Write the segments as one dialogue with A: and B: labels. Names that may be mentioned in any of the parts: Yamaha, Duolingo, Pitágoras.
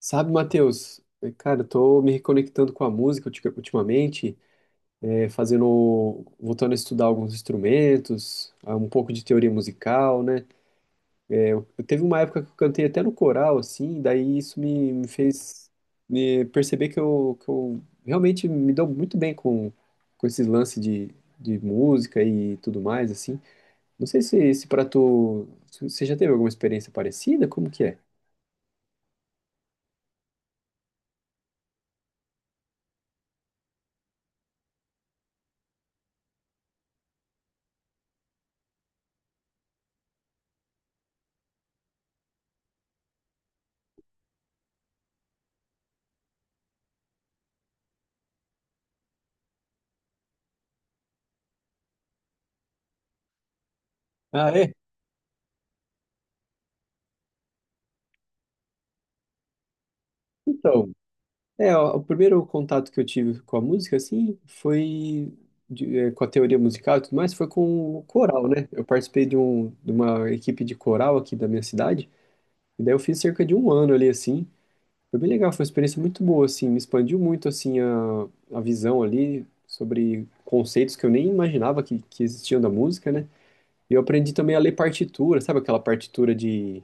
A: Sabe, Matheus, cara, eu tô me reconectando com a música ultimamente, fazendo, voltando a estudar alguns instrumentos, um pouco de teoria musical, né? É, eu teve uma época que eu cantei até no coral, assim, daí isso me fez me perceber que eu realmente me dou muito bem com esses lances de música e tudo mais, assim. Não sei se para tu, você já teve alguma experiência parecida, como que é? Ah, é? Então, é, ó, o primeiro contato que eu tive com a música, assim, foi com a teoria musical e tudo mais, foi com o coral, né? Eu participei de uma equipe de coral aqui da minha cidade, e daí eu fiz cerca de um ano ali, assim. Foi bem legal, foi uma experiência muito boa, assim, me expandiu muito, assim, a visão ali sobre conceitos que eu nem imaginava que existiam da música, né? E eu aprendi também a ler partitura, sabe aquela partitura de,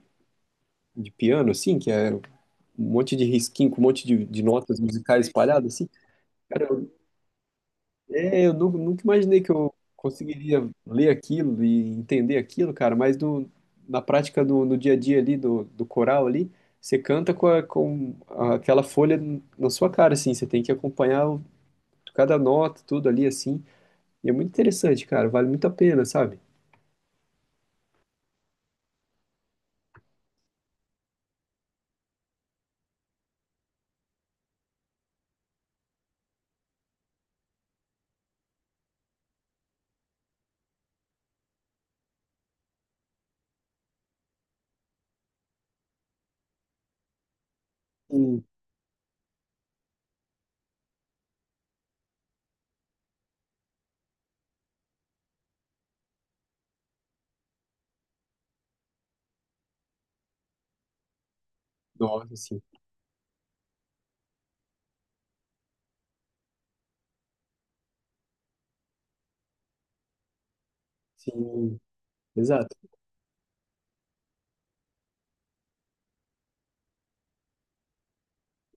A: de piano, assim, que é um monte de risquinho com um monte de notas musicais espalhadas, assim? Cara, eu nunca imaginei que eu conseguiria ler aquilo e entender aquilo, cara, mas na prática, do no dia a dia ali, do coral ali, você canta com aquela folha na sua cara, assim, você tem que acompanhar cada nota, tudo ali, assim, e é muito interessante, cara, vale muito a pena, sabe? Sim. Nossa, sim, sim, exato.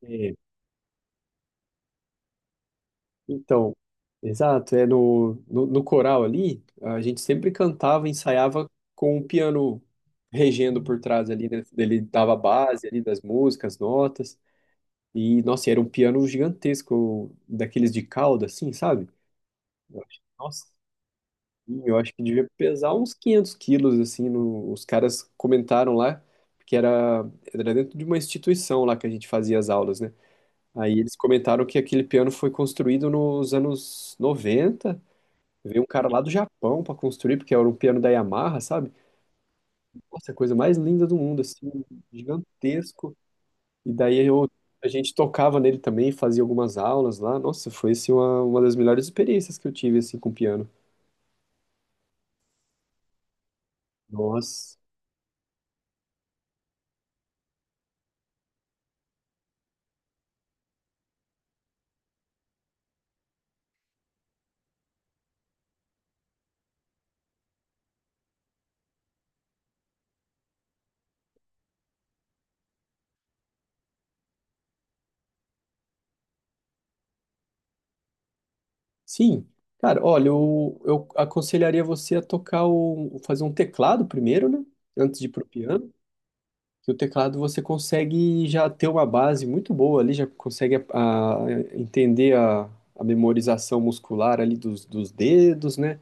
A: É, então, exato, é no coral ali, a gente sempre cantava, ensaiava com o piano regendo por trás ali, né? Ele dava a base ali das músicas, notas, e, nossa, era um piano gigantesco, daqueles de cauda, assim, sabe? Nossa, eu acho que devia pesar uns 500 quilos, assim, os caras comentaram lá, porque era dentro de uma instituição lá que a gente fazia as aulas, né? Aí eles comentaram que aquele piano foi construído nos anos 90. Veio um cara lá do Japão para construir, porque era um piano da Yamaha, sabe? Nossa, a coisa mais linda do mundo, assim, gigantesco. E daí eu, a gente tocava nele também, fazia algumas aulas lá. Nossa, foi assim, uma das melhores experiências que eu tive assim com piano. Nossa. Sim. Cara, olha, eu aconselharia você a fazer um teclado primeiro, né? Antes de ir pro piano. Que o teclado você consegue já ter uma base muito boa ali, já consegue entender a memorização muscular ali dos dedos, né?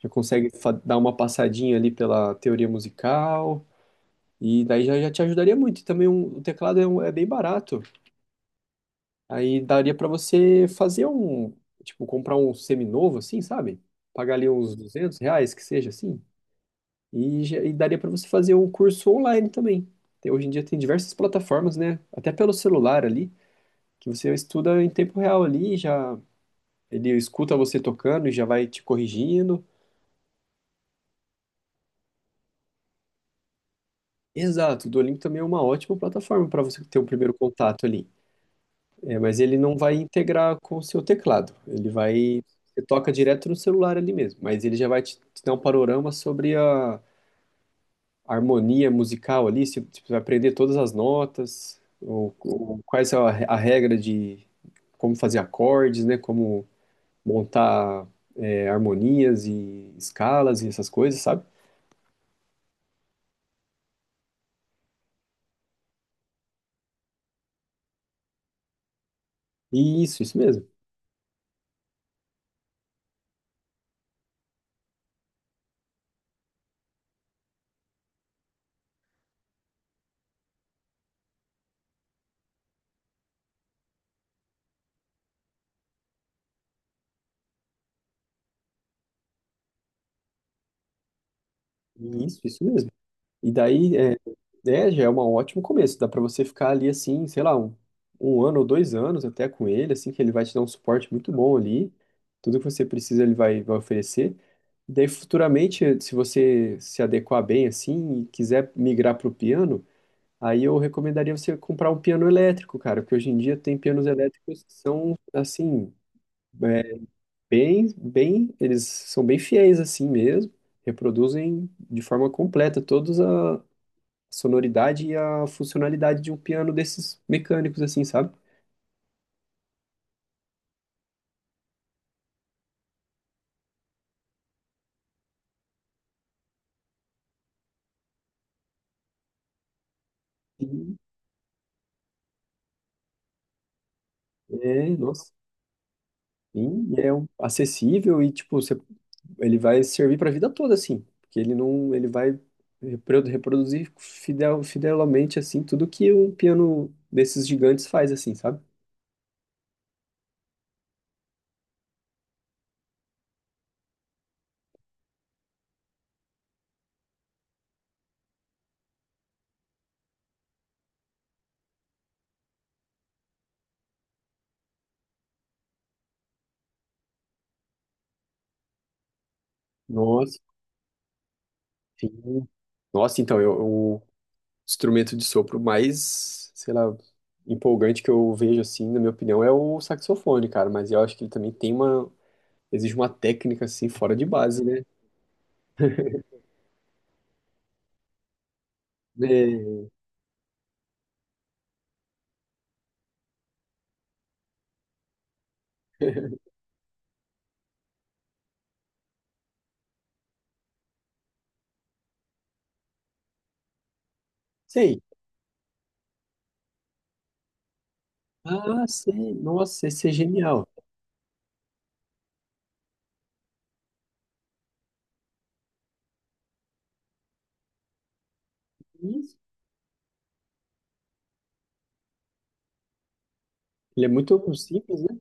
A: Já consegue dar uma passadinha ali pela teoria musical, e daí já te ajudaria muito. E também o teclado é bem barato, aí daria para você fazer tipo, comprar um semi-novo assim, sabe? Pagar ali uns R$ 200, que seja assim. E, e daria para você fazer um curso online também. Hoje em dia tem diversas plataformas, né? Até pelo celular ali, que você estuda em tempo real ali, e já ele escuta você tocando e já vai te corrigindo. Exato, o Duolingo também é uma ótima plataforma para você ter um primeiro contato ali. É, mas ele não vai integrar com o seu teclado. Ele vai, você toca direto no celular ali mesmo, mas ele já vai te dar um panorama sobre harmonia musical ali, se você vai aprender todas as notas, ou quais é a regra de como fazer acordes, né? Como montar harmonias e escalas e essas coisas, sabe? E isso mesmo. Isso mesmo. E daí, já é um ótimo começo. Dá para você ficar ali assim, sei lá, um ano ou 2 anos até com ele, assim, que ele vai te dar um suporte muito bom ali. Tudo que você precisa ele vai oferecer. E daí, futuramente, se você se adequar bem assim e quiser migrar pro piano, aí eu recomendaria você comprar um piano elétrico, cara, porque hoje em dia tem pianos elétricos que são, assim, é, eles são bem fiéis assim mesmo, reproduzem de forma completa todas a sonoridade e a funcionalidade de um piano desses mecânicos, assim, sabe? Sim, nossa. Sim, acessível e, tipo, você, ele vai servir pra vida toda, assim. Porque ele não, ele vai reproduzir fidelmente, assim, tudo que um piano desses gigantes faz, assim, sabe? Nossa, sim. Nossa, então, o instrumento de sopro mais, sei lá, empolgante que eu vejo, assim, na minha opinião, é o saxofone, cara. Mas eu acho que ele também exige uma técnica assim fora de base, né? É, sei. Ah, sei. Nossa, esse é genial. Isso. Ele é muito simples, né?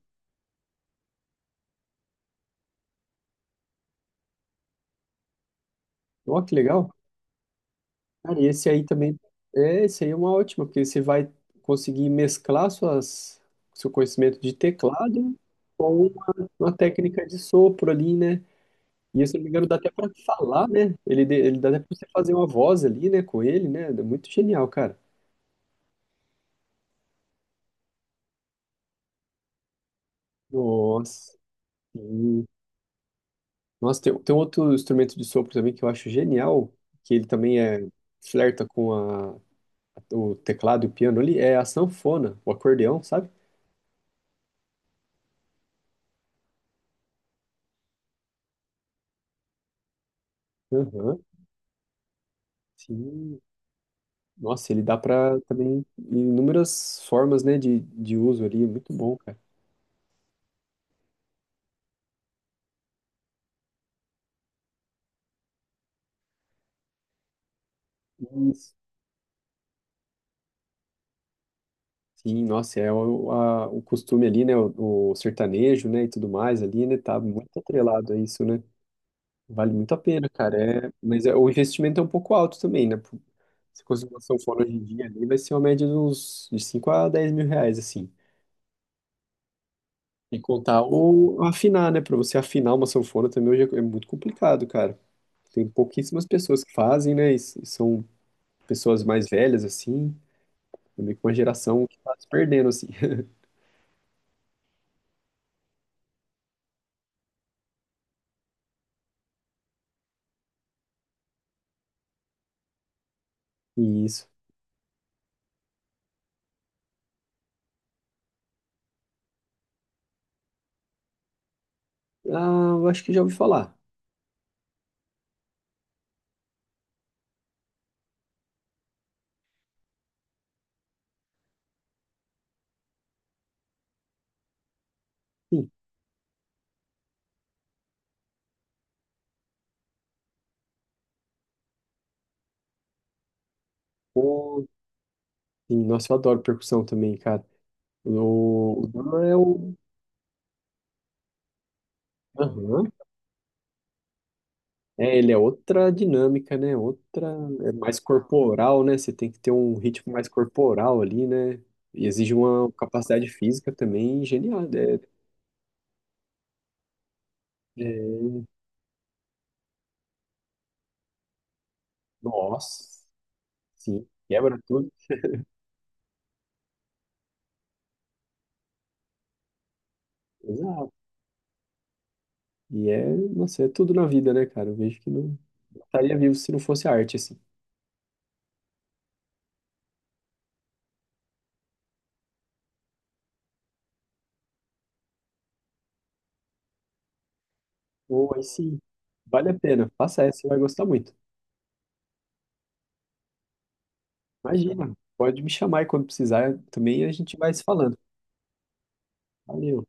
A: Ó, que legal. Cara, e esse aí também. É, esse aí é uma ótima, porque você vai conseguir mesclar seu conhecimento de teclado, uma técnica de sopro ali, né? E se eu não me engano, dá até pra falar, né? Ele, ele dá até pra você fazer uma voz ali, né? Com ele, né? É muito genial, cara. Nossa. Nossa, tem um outro instrumento de sopro também que eu acho genial, que ele também flerta com o teclado e o piano ali, é a sanfona, o acordeão, sabe? Aham, sim. Nossa, ele dá para também inúmeras formas, né, de uso ali, muito bom, cara. Isso. Sim, nossa, é o costume ali, né, o sertanejo, né, e tudo mais ali, né, tá muito atrelado a isso, né? Vale muito a pena, cara, é, mas é, o investimento é um pouco alto também, né? Se conseguir uma sanfona hoje em dia ali, vai ser uma média de uns de 5 a 10 mil reais, assim. E contar ou afinar, né? Pra você afinar uma sanfona também hoje é muito complicado, cara. Tem pouquíssimas pessoas que fazem, né? E são pessoas mais velhas, assim. É meio que uma geração que tá se perdendo, assim. E isso. Ah, eu acho que já ouvi falar. Sim. Pô, sim. Nossa, eu adoro percussão também, cara. O Dan é o. Aham. É, ele é outra dinâmica, né? Outra, é mais corporal, né? Você tem que ter um ritmo mais corporal ali, né? E exige uma capacidade física também genial. É, Nossa, sim, quebra tudo. Exato. E é, nossa, é tudo na vida, né, cara? Eu vejo que não estaria vivo se não fosse arte, assim. Ou aí sim, vale a pena. Faça essa, você vai gostar muito. Imagina, pode me chamar aí quando precisar também, a gente vai se falando. Valeu.